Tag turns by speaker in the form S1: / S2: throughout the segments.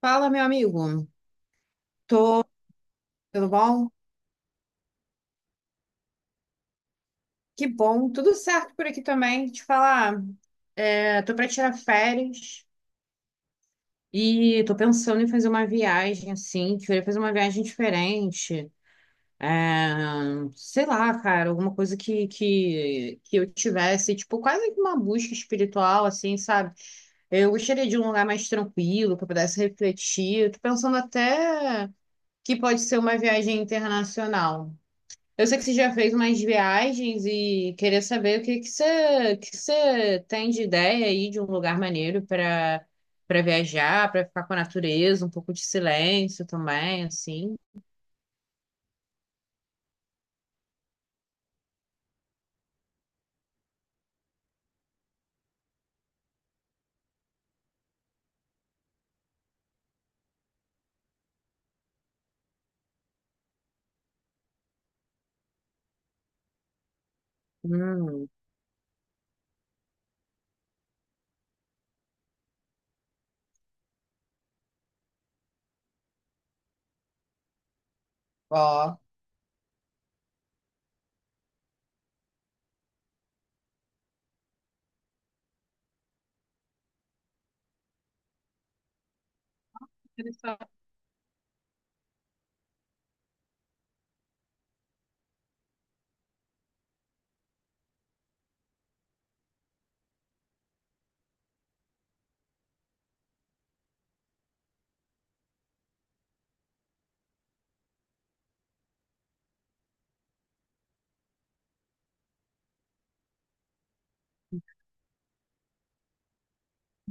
S1: Fala, meu amigo. Tudo bom? Que bom. Tudo certo por aqui também. Te falar, tô para tirar férias e tô pensando em fazer uma viagem assim. Queria fazer uma viagem diferente. É, sei lá, cara, alguma coisa que eu tivesse, tipo, quase que uma busca espiritual, assim, sabe? Eu gostaria de um lugar mais tranquilo, que eu pudesse refletir. Eu tô pensando até que pode ser uma viagem internacional. Eu sei que você já fez umas viagens e queria saber o que você tem de ideia aí de um lugar maneiro para viajar, para ficar com a natureza, um pouco de silêncio também, assim. Hum, ó. Interessante.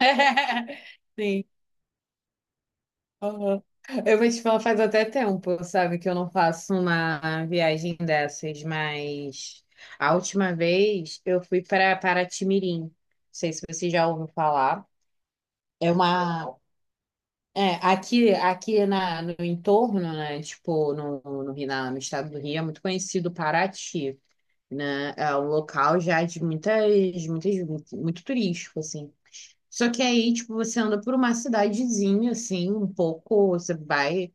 S1: Sim. Aham. Eu vou te falar, faz até tempo, sabe, que eu não faço uma viagem dessas, mas a última vez eu fui para Paraty Mirim. Não sei se você já ouviu falar. É uma, É, aqui no entorno, né, tipo, no estado do Rio, é muito conhecido Paraty, né, é um local já de muito turístico, assim. Só que aí, tipo, você anda por uma cidadezinha, assim, um pouco, você vai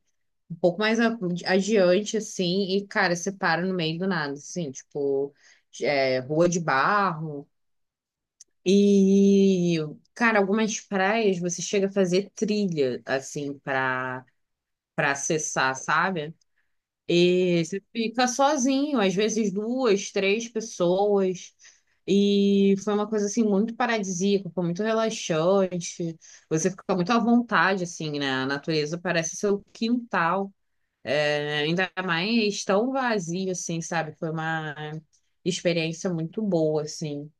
S1: um pouco mais adiante, assim, e, cara, você para no meio do nada, assim, tipo, é, rua de barro, e, cara, algumas praias você chega a fazer trilha, assim, pra para acessar, sabe? E você fica sozinho, às vezes duas, três pessoas. E foi uma coisa assim muito paradisíaca, foi muito relaxante. Você fica muito à vontade assim, né? A natureza parece seu quintal. É, ainda mais tão vazio assim, sabe? Foi uma experiência muito boa assim.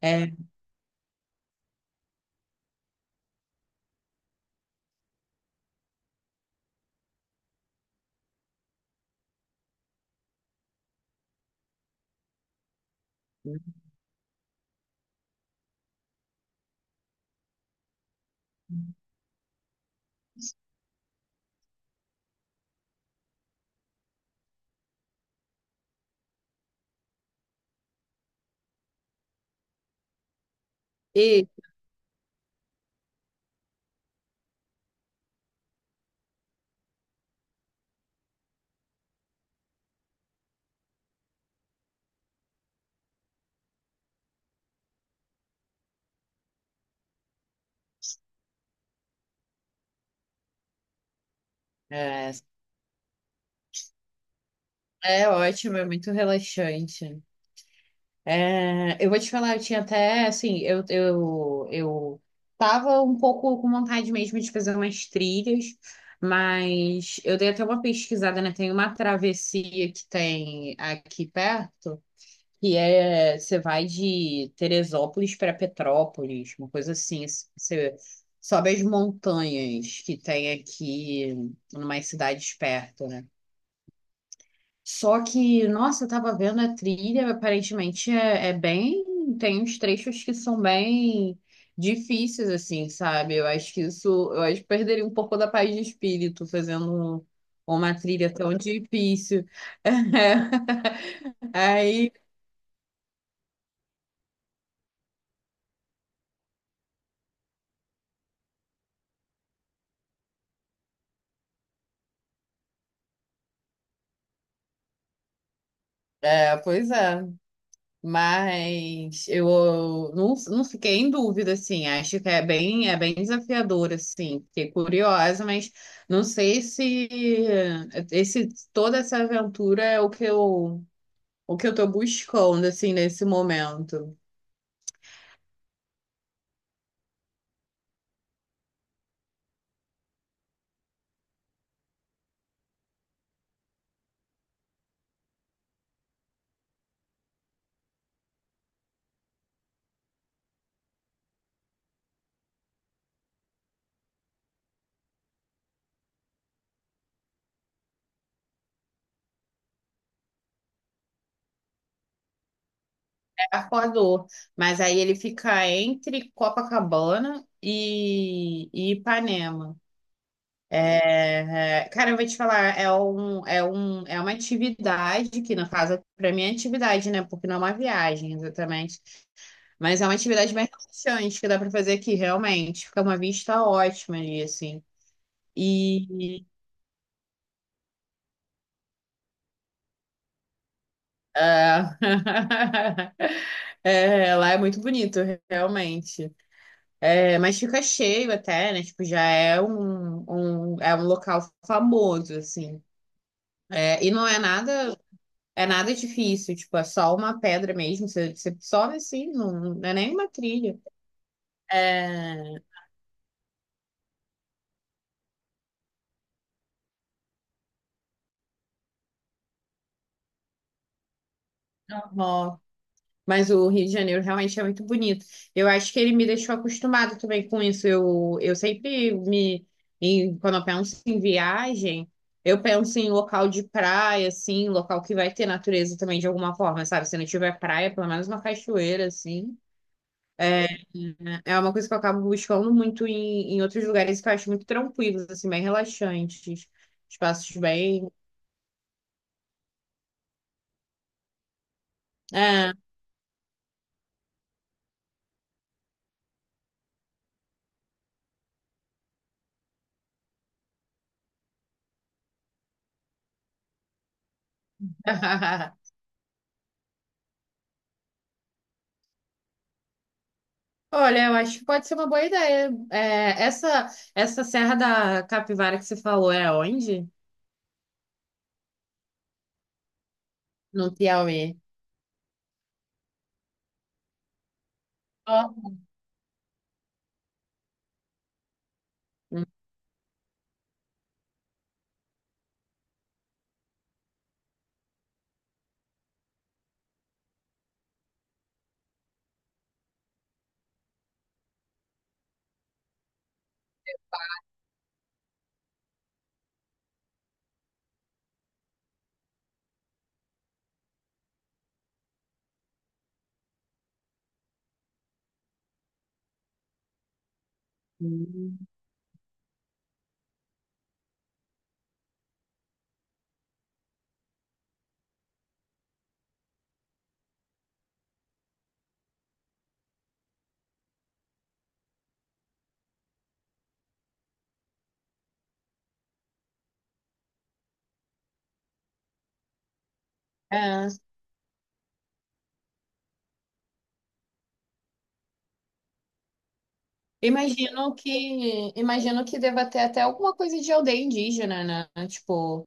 S1: É, e é, é ótimo, é muito relaxante. É, eu vou te falar, eu tinha até, assim, eu tava um pouco com vontade mesmo de fazer umas trilhas, mas eu dei até uma pesquisada, né? Tem uma travessia que tem aqui perto, que é, você vai de Teresópolis para Petrópolis, uma coisa você sobe as montanhas que tem aqui, em umas cidades perto, né? Só que, nossa, eu tava vendo a trilha, aparentemente é bem. Tem uns trechos que são bem difíceis, assim, sabe? Eu acho que isso. Eu acho que perderia um pouco da paz de espírito fazendo uma trilha tão difícil. Aí, é, pois é. Mas eu não fiquei em dúvida, assim. Acho que é bem desafiador, assim. Fiquei curiosa, mas não sei se esse, toda essa aventura é o que o que eu tô buscando, assim, nesse momento. É Arpoador. Mas aí ele fica entre Copacabana e Ipanema. Cara, eu vou te falar, é uma atividade que, no caso, para mim é atividade, né? Porque não é uma viagem, exatamente. Mas é uma atividade bem relaxante que dá para fazer aqui, realmente. Fica uma vista ótima ali, assim. E ah, é, lá é muito bonito, realmente. É, mas fica cheio até, né? Tipo, já é é um local famoso, assim. É, e não é nada. É nada difícil, tipo, é só uma pedra mesmo. Você sobe assim, não é nem uma trilha. É... normal. Mas o Rio de Janeiro realmente é muito bonito. Eu acho que ele me deixou acostumado também com isso. Eu sempre me. Em- quando eu penso em viagem, eu penso em local de praia, assim, local que vai ter natureza também de alguma forma, sabe? Se não tiver praia, pelo menos uma cachoeira, assim. É, é uma coisa que eu acabo buscando muito em outros lugares que eu acho muito tranquilos, assim, bem relaxantes. Espaços bem. É. Olha, eu acho que pode ser uma boa ideia. Essa Serra da Capivara que você falou é onde? No Piauí. Ó. Uhum. É. Imagino que, imagino que deva ter até alguma coisa de aldeia indígena, né? Tipo,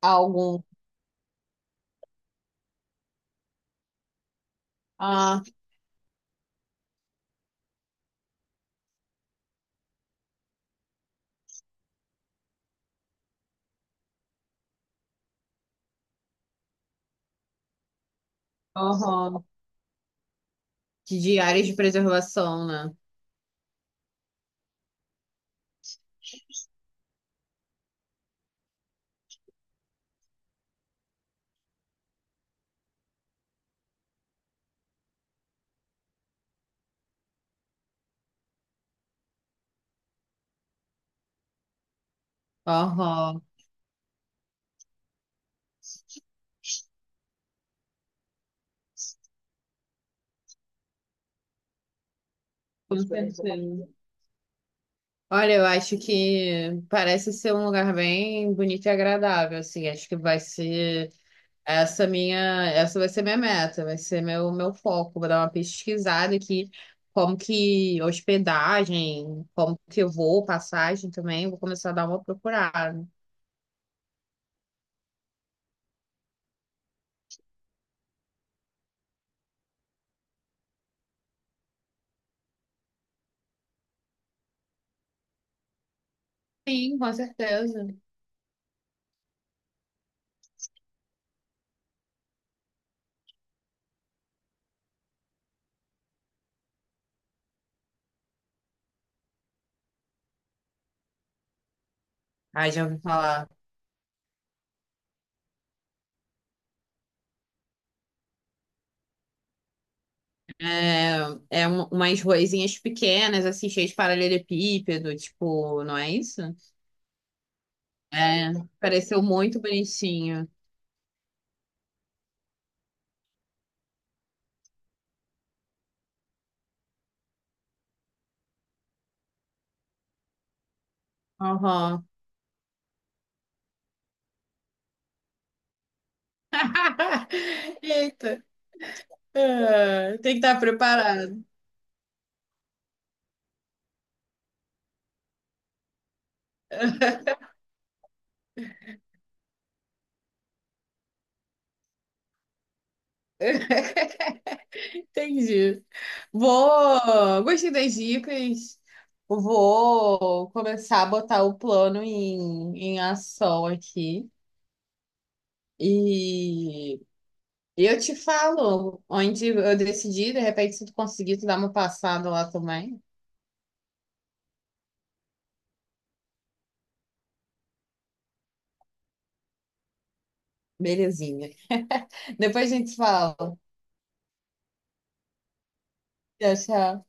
S1: algum. Ah, aham. De áreas de preservação, né? Aham, com é certeza. Olha, eu acho que parece ser um lugar bem bonito e agradável, assim. Acho que vai ser essa minha, essa vai ser minha meta, vai ser meu foco. Vou dar uma pesquisada aqui, como que hospedagem, como que eu vou, passagem também. Vou começar a dar uma procurada. Sim, com certeza. Ah, já ouvi falar. É, umas ruazinhas pequenas, assim, cheias de paralelepípedo, tipo, não é isso? É, pareceu muito bonitinho. Aham. Eita. Ah, tem que estar preparado. Entendi. Vou. Gostei das dicas. Vou começar a botar o plano em ação aqui. E eu te falo onde eu decidi. De repente, se tu conseguir, tu dá uma passada lá também. Belezinha. Depois a gente fala. Tchau, tchau.